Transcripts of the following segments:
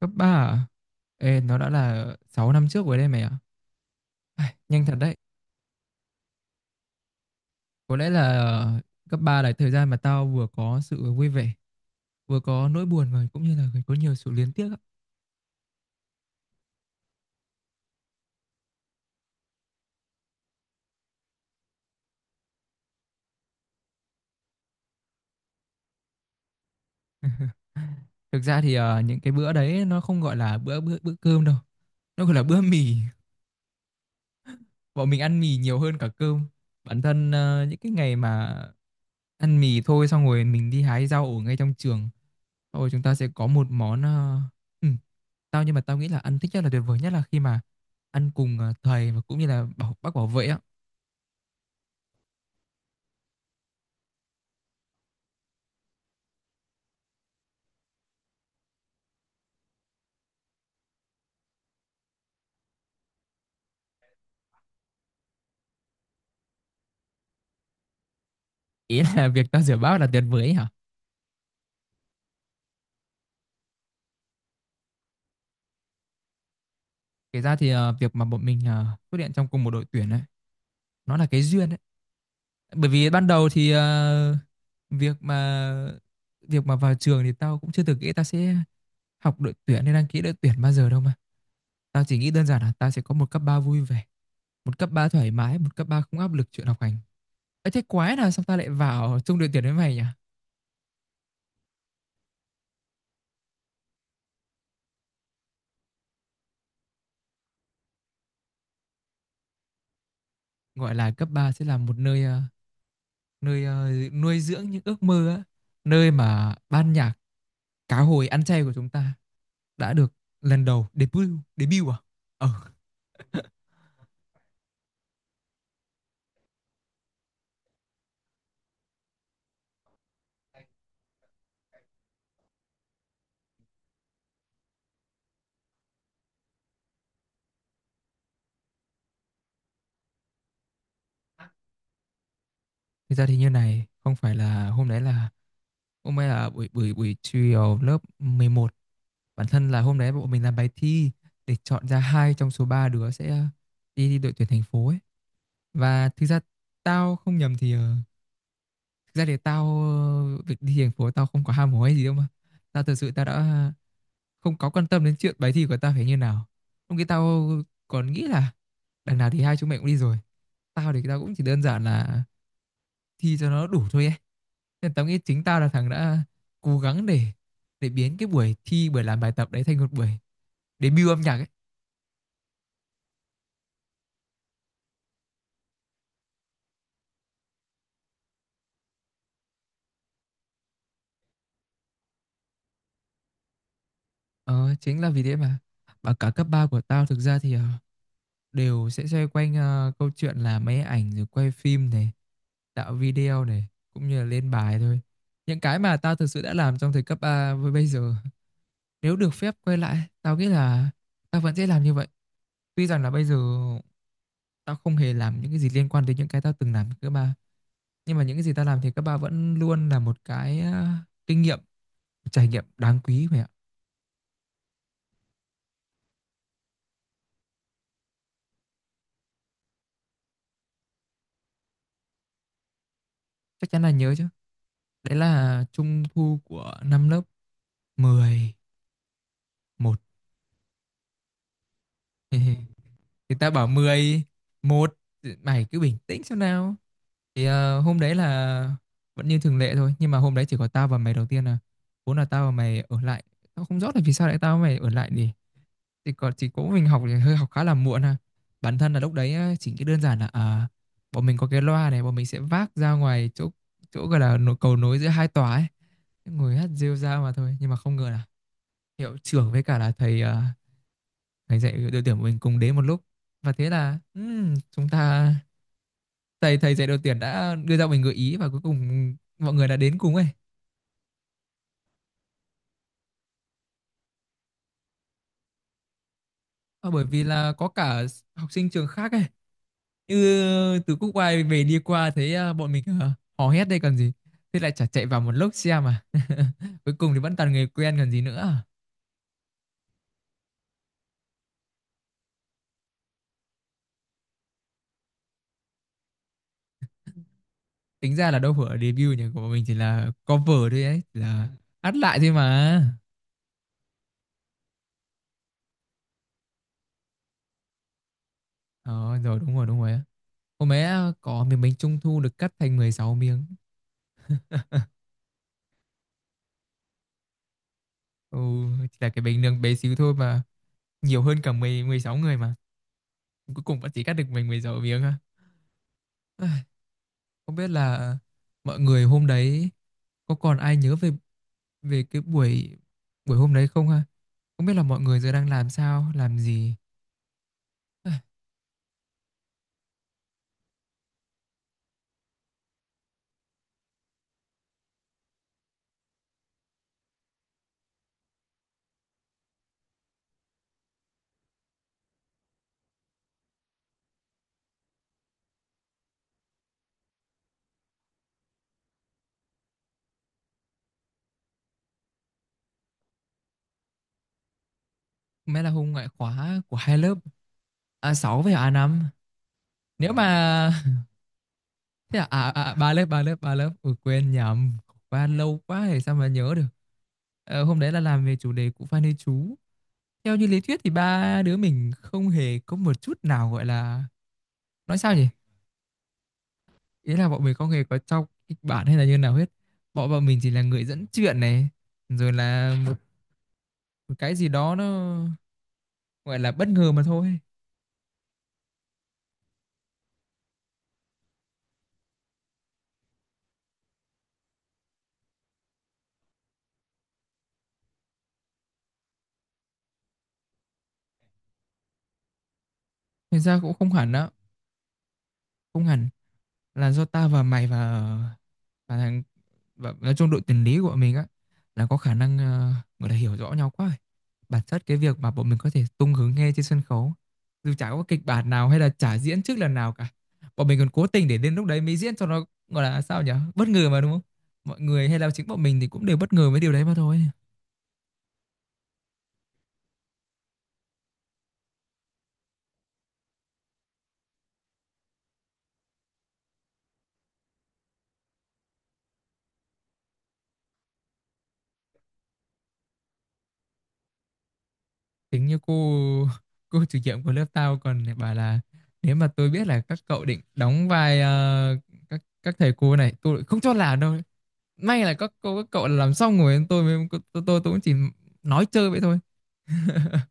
Cấp 3, à? Ê, nó đã là 6 năm trước rồi đây mày ạ. Nhanh thật đấy. Có lẽ là cấp 3 là thời gian mà tao vừa có sự vui vẻ, vừa có nỗi buồn và cũng như là có nhiều sự luyến tiếc á. Thực ra thì những cái bữa đấy nó không gọi là bữa bữa bữa cơm đâu. Nó gọi là bữa mì. Bọn mình ăn mì nhiều hơn cả cơm. Bản thân những cái ngày mà ăn mì thôi xong rồi mình đi hái rau ở ngay trong trường, xong rồi chúng ta sẽ có một món ừ, tao nhưng mà tao nghĩ là ăn thích nhất là tuyệt vời nhất là khi mà ăn cùng thầy và cũng như là bác bảo vệ á. Ý là việc tao rửa bát là tuyệt vời ấy hả? Kể ra thì việc mà bọn mình xuất hiện trong cùng một đội tuyển ấy, nó là cái duyên ấy. Bởi vì ban đầu thì việc mà việc mà vào trường thì tao cũng chưa từng nghĩ tao sẽ học đội tuyển hay đăng ký đội tuyển bao giờ đâu mà. Tao chỉ nghĩ đơn giản là tao sẽ có một cấp 3 vui vẻ, một cấp 3 thoải mái, một cấp 3 không áp lực chuyện học hành. Ấy thế quái nào sao tao lại vào chung đội tuyển với mày nhỉ? Gọi là cấp 3 sẽ là một nơi nơi nuôi dưỡng những ước mơ á, nơi mà ban nhạc cá hồi ăn chay của chúng ta đã được lần đầu debut. Debut à? Ờ, thực ra thì như này, không phải là hôm nay là buổi buổi buổi chiều lớp 11. Bản thân là hôm đấy bọn mình làm bài thi để chọn ra hai trong số ba đứa sẽ đi đội tuyển thành phố ấy. Và thực ra tao không nhầm thì thực ra thì việc đi thành phố tao không có ham hố hay gì đâu mà, tao thật sự đã không có quan tâm đến chuyện bài thi của tao phải như nào. Lúc kia tao còn nghĩ là đằng nào thì hai chúng mày cũng đi rồi, tao thì tao cũng chỉ đơn giản là thi cho nó đủ thôi ấy. Nên tao nghĩ chính tao là thằng đã cố gắng để biến cái buổi làm bài tập đấy thành một buổi debut âm nhạc ấy. Ờ, chính là vì thế mà và cả cấp 3 của tao thực ra thì đều sẽ xoay quanh câu chuyện là máy ảnh rồi quay phim này, tạo video này, cũng như là lên bài thôi. Những cái mà tao thực sự đã làm trong thời cấp 3 với bây giờ, nếu được phép quay lại, tao nghĩ là tao vẫn sẽ làm như vậy. Tuy rằng là bây giờ tao không hề làm những cái gì liên quan đến những cái tao từng làm cấp ba, nhưng mà những cái gì tao làm thì cấp 3 vẫn luôn là một cái kinh nghiệm, trải nghiệm đáng quý mày ạ. Chắc chắn là nhớ chứ. Đấy là trung thu của năm lớp 10, 1. Người ta bảo 10, 1. Mày cứ bình tĩnh xem nào. Thì hôm đấy là vẫn như thường lệ thôi. Nhưng mà hôm đấy chỉ có tao và mày đầu tiên à. Vốn là tao và mày ở lại. Tao không rõ là vì sao lại tao và mày ở lại nhỉ. Thì còn chỉ có mình học thì hơi học khá là muộn à. Bản thân là lúc đấy á, chỉ cái đơn giản là à, bọn mình có cái loa này. Bọn mình sẽ vác ra ngoài chỗ chỗ gọi là cầu nối giữa hai tòa ấy. Ngồi hát rêu rao mà thôi. Nhưng mà không ngờ là hiệu trưởng với cả là thầy dạy đội tuyển của mình cùng đến một lúc, và thế là chúng ta thầy thầy dạy đội tuyển đã đưa ra mình gợi ý và cuối cùng mọi người đã đến cùng ấy. Ờ, bởi vì là có cả học sinh trường khác ấy, như từ Quốc Oai về đi qua thấy bọn mình hò hét đây còn gì, thế lại chả chạy vào một lúc xem mà. Cuối cùng thì vẫn toàn người quen còn gì nữa. Tính ra là đâu phải ở debut nhỉ, của bọn mình chỉ là cover thôi ấy, chỉ là hát lại thôi mà. Ờ rồi, đúng rồi, đúng rồi. Hôm ấy à, có miếng bánh trung thu được cắt thành mười sáu miếng. Ừ, chỉ là cái bánh nướng bé xíu thôi mà, nhiều hơn cả mười mười sáu người mà. Cuối cùng vẫn chỉ cắt được mình 16 miếng ha. Ai, không biết là mọi người hôm đấy có còn ai nhớ về về cái buổi buổi hôm đấy không ha? Không biết là mọi người giờ đang làm sao, làm gì. Ai, may là hôm ngoại khóa của hai lớp a sáu với a năm. Nếu mà Thế à, à, à ba lớp. Ui, quên nhầm, qua lâu quá thì sao mà nhớ được. Ờ, hôm đấy là làm về chủ đề cụ Phan Huy Chú. Theo như lý thuyết thì ba đứa mình không hề có một chút nào gọi là nói sao nhỉ, ý là bọn mình không hề có trong kịch bản hay là như nào hết. Bọn bọn mình chỉ là người dẫn chuyện này, rồi là một cái gì đó nó gọi là bất ngờ mà thôi. Thành ra cũng không hẳn đó, không hẳn là do ta và mày và thằng và nói chung đội tuyển lý của bọn mình á là có khả năng gọi là hiểu rõ nhau quá rồi. Bản chất cái việc mà bọn mình có thể tung hứng nghe trên sân khấu dù chả có kịch bản nào hay là chả diễn trước lần nào cả, bọn mình còn cố tình để đến lúc đấy mới diễn cho nó gọi là sao nhỉ, bất ngờ mà đúng không. Mọi người hay là chính bọn mình thì cũng đều bất ngờ với điều đấy mà thôi. Tính như cô chủ nhiệm của lớp tao còn bảo là nếu mà tôi biết là các cậu định đóng vai các thầy cô này, tôi không cho làm đâu. May là các cô các cậu làm xong rồi tôi mới tôi cũng chỉ nói chơi vậy thôi.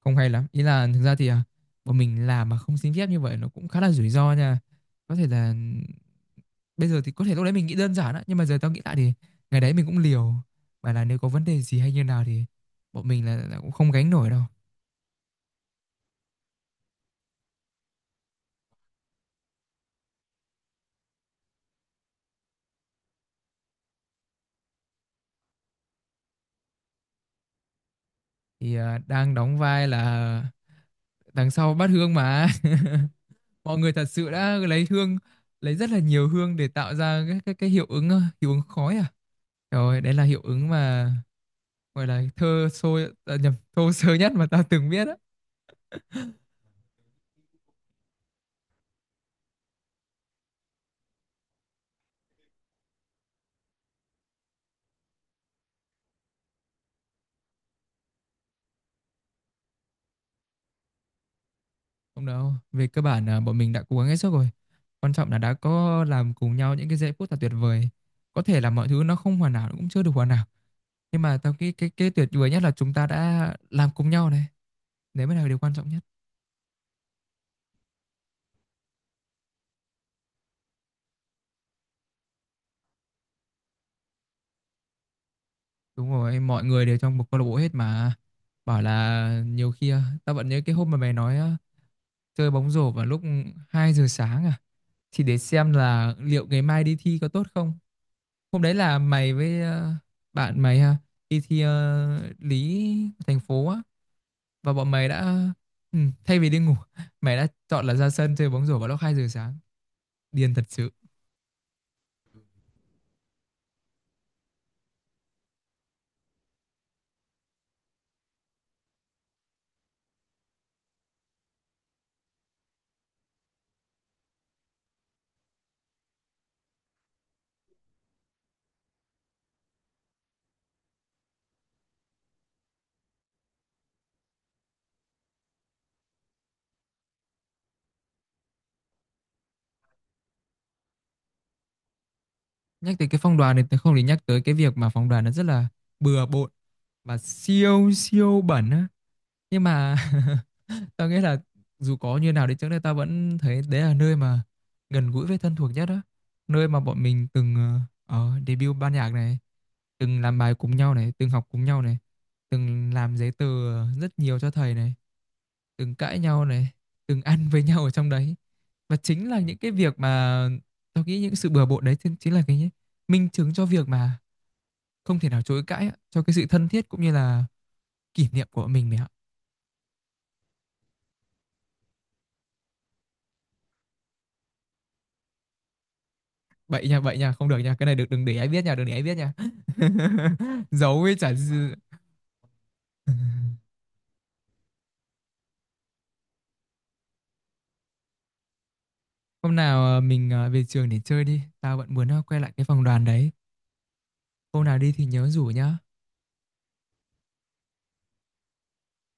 Không hay lắm, ý là thực ra thì à, bọn mình làm mà không xin phép như vậy nó cũng khá là rủi ro nha. Có thể là bây giờ thì có thể lúc đấy mình nghĩ đơn giản á, nhưng mà giờ tao nghĩ lại thì ngày đấy mình cũng liều mà, là nếu có vấn đề gì hay như nào thì bọn mình là cũng không gánh nổi đâu. Thì à, đang đóng vai là đằng sau bát hương mà. Mọi người thật sự đã lấy hương, lấy rất là nhiều hương để tạo ra cái cái hiệu ứng hiệu ứng khói à. Rồi, đấy là hiệu ứng mà gọi là thơ sôi à, nhầm, thô sơ nhất mà tao từng biết á. Không đâu, về cơ bản là bọn mình đã cố gắng hết sức rồi. Quan trọng là đã có làm cùng nhau những cái giây phút là tuyệt vời. Có thể là mọi thứ nó không hoàn hảo, nó cũng chưa được hoàn hảo, nhưng mà tao nghĩ cái tuyệt vời nhất là chúng ta đã làm cùng nhau này. Đấy mới là điều quan trọng nhất. Đúng rồi, mọi người đều trong một câu lạc bộ hết mà. Bảo là nhiều khi à, tao vẫn nhớ cái hôm mà mày nói à, chơi bóng rổ vào lúc 2 giờ sáng à, thì để xem là liệu ngày mai đi thi có tốt không. Hôm đấy là mày với bạn mày ha, đi thi lý thành phố á, và bọn mày đã ừ, thay vì đi ngủ mày đã chọn là ra sân chơi bóng rổ vào lúc 2 giờ sáng. Điên thật sự. Nhắc tới cái phong đoàn này tôi không thể nhắc tới cái việc mà phong đoàn nó rất là bừa bộn và siêu siêu bẩn á, nhưng mà tao nghĩ là dù có như nào đi chăng nữa tao vẫn thấy đấy là nơi mà gần gũi với thân thuộc nhất đó, nơi mà bọn mình từng debut ban nhạc này, từng làm bài cùng nhau này, từng học cùng nhau này, từng làm giấy tờ rất nhiều cho thầy này, từng cãi nhau này, từng ăn với nhau ở trong đấy, và chính là những cái việc mà tao nghĩ những sự bừa bộn đấy chính chính là cái minh chứng cho việc mà không thể nào chối cãi á, cho cái sự thân thiết cũng như là kỷ niệm của mình mày ạ. Bậy nha, bậy nha, không được nha, cái này được đừng để ai biết nha, đừng để ai biết nha. Giấu với chả gì. Hôm nào mình về trường để chơi đi, tao vẫn muốn quay lại cái phòng đoàn đấy. Hôm nào đi thì nhớ rủ nhá.